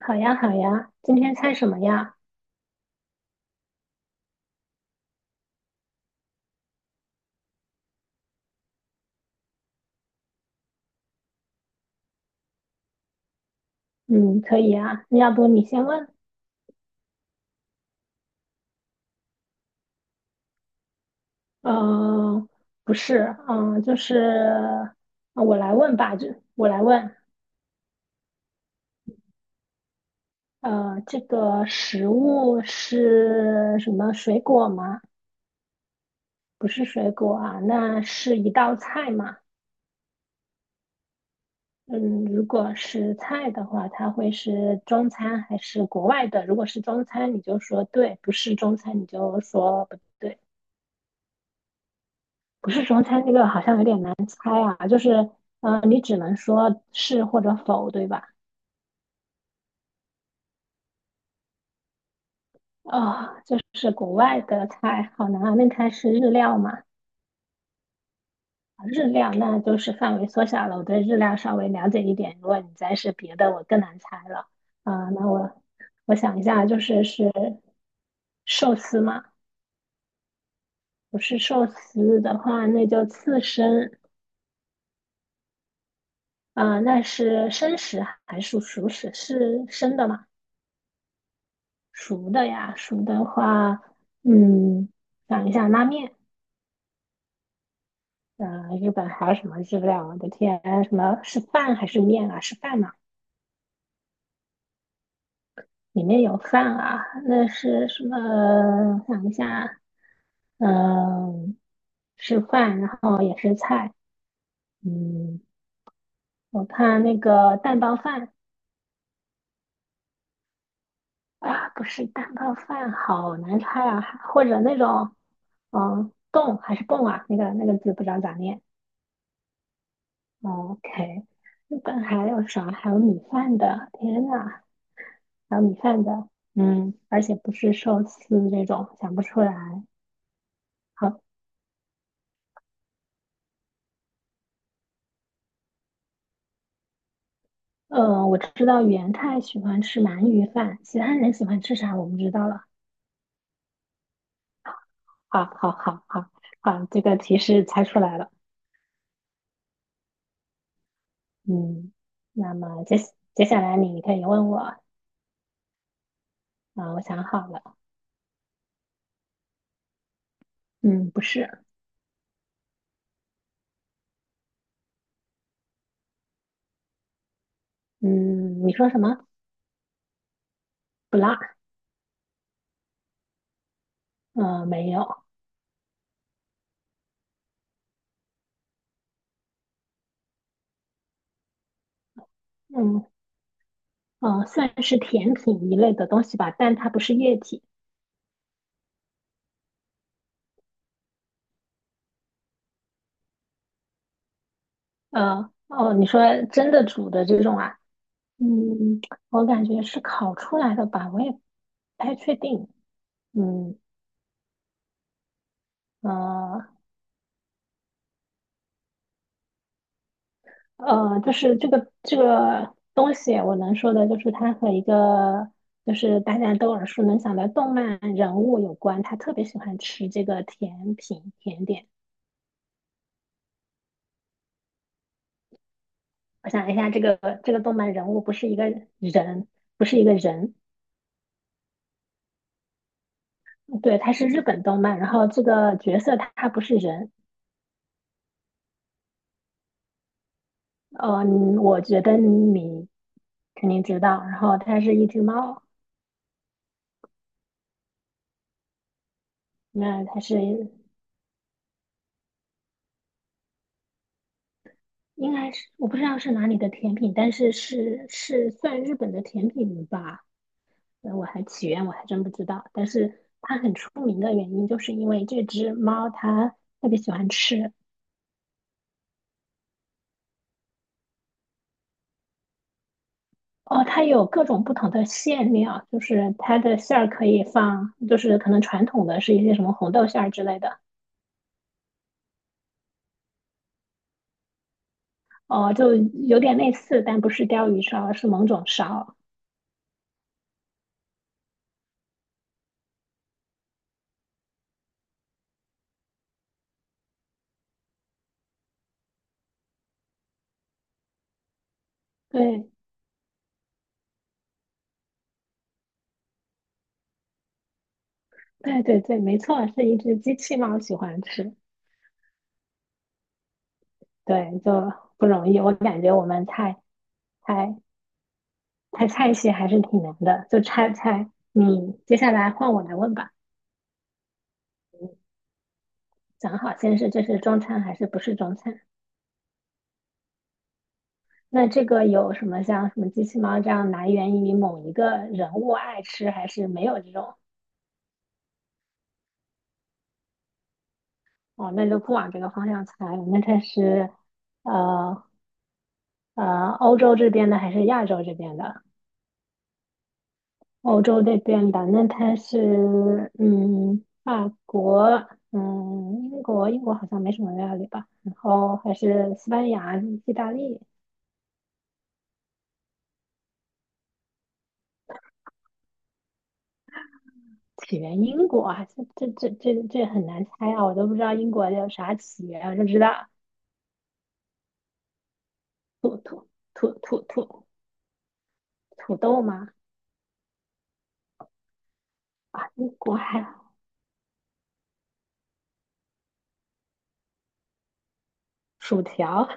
好呀，好呀，今天猜什么呀？嗯，可以呀。要不你先问？呃，不是，就是我来问吧，就我来问。这个食物是什么水果吗？不是水果啊，那是一道菜吗？嗯，如果是菜的话，它会是中餐还是国外的？如果是中餐，你就说对；不是中餐，你就说不对。不是中餐那个好像有点难猜啊，就是，你只能说是或者否，对吧？就是国外的菜，好难啊。那它是日料嘛？日料那就是范围缩小了，我对日料稍微了解一点。如果你再是别的，我更难猜了。那我想一下，就是寿司嘛？不是寿司的话，那就刺身。那是生食还是熟食？是生的吗？熟的呀，熟的话，嗯，想一下拉面，日本还有什么日料？我的天，什么是饭还是面啊？是饭嘛？里面有饭啊，那是什么？想一下，嗯，是饭，然后也是菜，嗯，我看那个蛋包饭啊，不是蛋包饭，好难猜啊，或者那种，嗯，冻还是泵啊？那个字不知道咋念。哦 OK，日本还有啥？还有米饭的，天呐，还有米饭的，嗯，而且不是寿司这种，想不出来。好，我知道元太喜欢吃鳗鱼饭，其他人喜欢吃啥我不知道了。好，好，好，好，好，这个提示猜出来了。嗯，那么接下来你可以问我，我想好了，嗯，不是，嗯，你说什么？不辣，嗯，没有，嗯，算是甜品一类的东西吧，但它不是液体。哦，你说真的煮的这种啊？嗯，我感觉是烤出来的吧，我也不太确定。嗯，呃，就是这个东西，我能说的就是它和一个就是大家都耳熟能详的动漫人物有关，他特别喜欢吃这个甜品甜点。我想一下，这个动漫人物不是一个人，不是一个人。对，它是日本动漫，然后这个角色他不是人，我觉得你肯定知道，然后它是一只猫，那它是应该是我不知道是哪里的甜品，但是算日本的甜品吧，我还真不知道，但是它很出名的原因就是因为这只猫它特别喜欢吃。哦，它有各种不同的馅料，就是它的馅儿可以放，就是可能传统的是一些什么红豆馅儿之类的，哦，就有点类似，但不是鲷鱼烧，而是某种烧。对，对对对，没错，是一只机器猫喜欢吃。对，就不容易。我感觉我们猜猜菜系还是挺难的，就猜猜。你接下来换我来问吧，讲好先是这是中餐还是不是中餐？那这个有什么像什么机器猫这样来源于某一个人物爱吃，还是没有这种？哦，那就不往这个方向猜了，那它是呃欧洲这边的还是亚洲这边的？欧洲这边的，那它是嗯，法国，嗯，英国好像没什么料理吧？然后还是西班牙、意大利，起源英国啊，这很难猜啊，我都不知道英国有啥起源啊，我就知道土土土土土土豆吗？啊，英国还有薯条，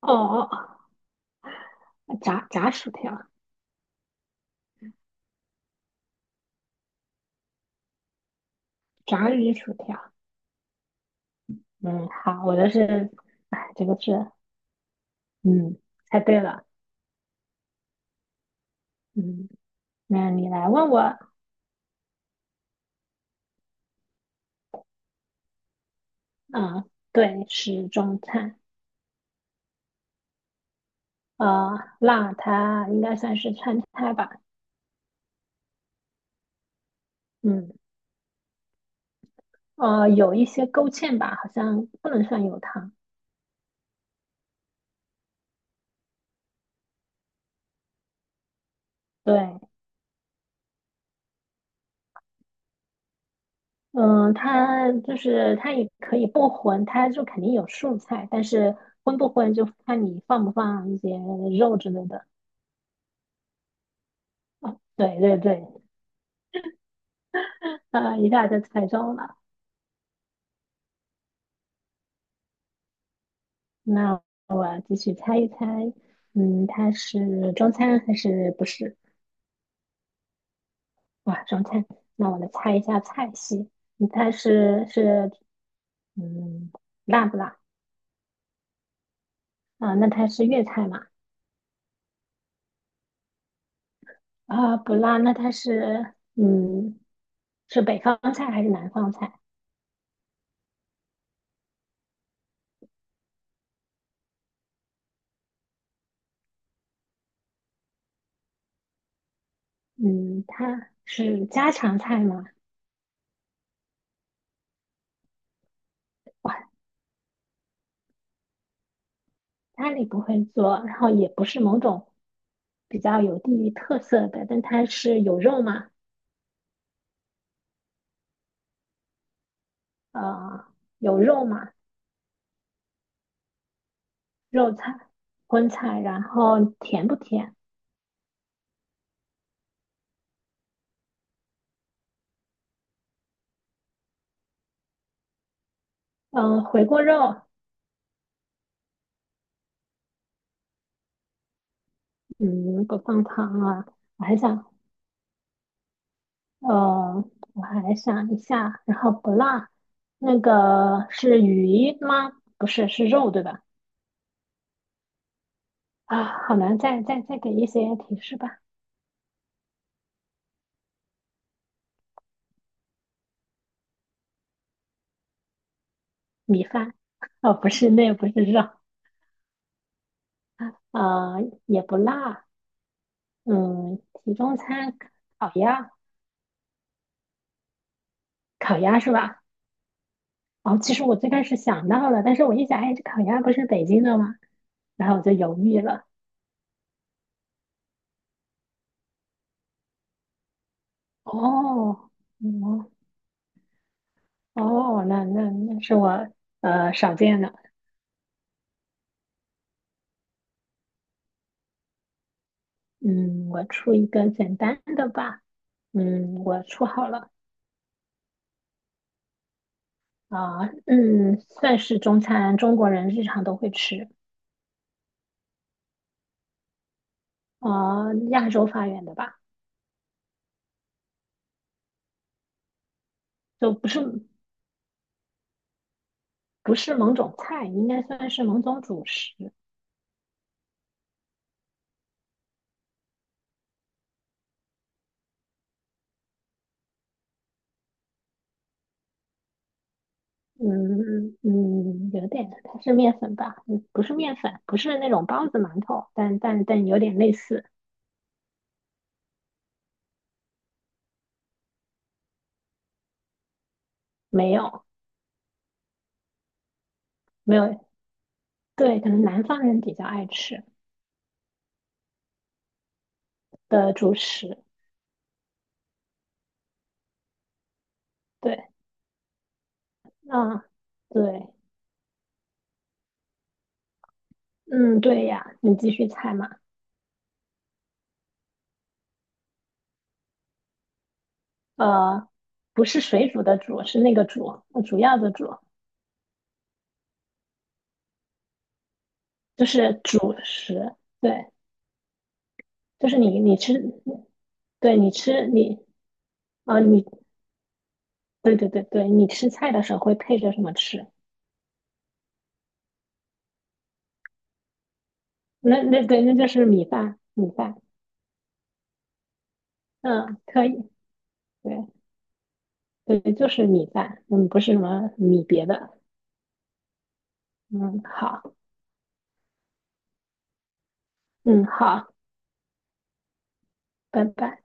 哦哦，炸薯条，炸鱼薯条。嗯，好，我的是，哎，这个是。嗯，猜对了。嗯，那你来问我啊，对，是中餐。辣它应该算是川菜吧？嗯，有一些勾芡吧，好像不能算有汤。对，嗯，它就是它也可以不荤，它就肯定有素菜，但是荤不荤就看你放不放一些肉之类的。啊，对对对，一下就猜中了。那我要继续猜一猜，嗯，它是中餐还是不是？哇，中餐。那我来猜一下菜系，你猜嗯辣不辣啊？那它是粤菜嘛？啊，不辣。那它是北方菜还是南方菜？嗯，它是家常菜吗？哇，家里不会做，然后也不是某种比较有地域特色的，但它是有肉吗？啊，有肉吗？肉菜、荤菜，然后甜不甜？嗯、回锅肉，嗯，不放糖啊。我还想，呃，我还想一下，然后不辣，那个是鱼吗？不是，是肉对吧？啊，好难，再给一些提示吧。米饭，哦，不是，那不是肉，啊，也不辣，嗯，集中餐烤鸭，烤鸭是吧？哦，其实我最开始想到了，但是我一想，哎，这烤鸭不是北京的吗？然后我就犹豫了。哦，嗯，哦，那是我少见的。嗯，我出一个简单的吧。嗯，我出好了啊。嗯，算是中餐，中国人日常都会吃啊，亚洲发源的吧，就不是某种菜，应该算是某种主食。嗯嗯，有点，它是面粉吧？嗯，不是面粉，不是那种包子馒头，但有点类似，没有没有对，可能南方人比较爱吃的主食。对，嗯，对，嗯，对呀，你继续猜嘛。呃，不是水煮的煮，是那个煮，主要的煮，就是主食。对，就是你吃，对你吃你啊你对对对对，你吃菜的时候会配着什么吃？那对，那就是米饭，米饭。嗯，可以。对对，就是米饭。嗯，不是什么米别的。嗯，好，嗯，好，拜拜。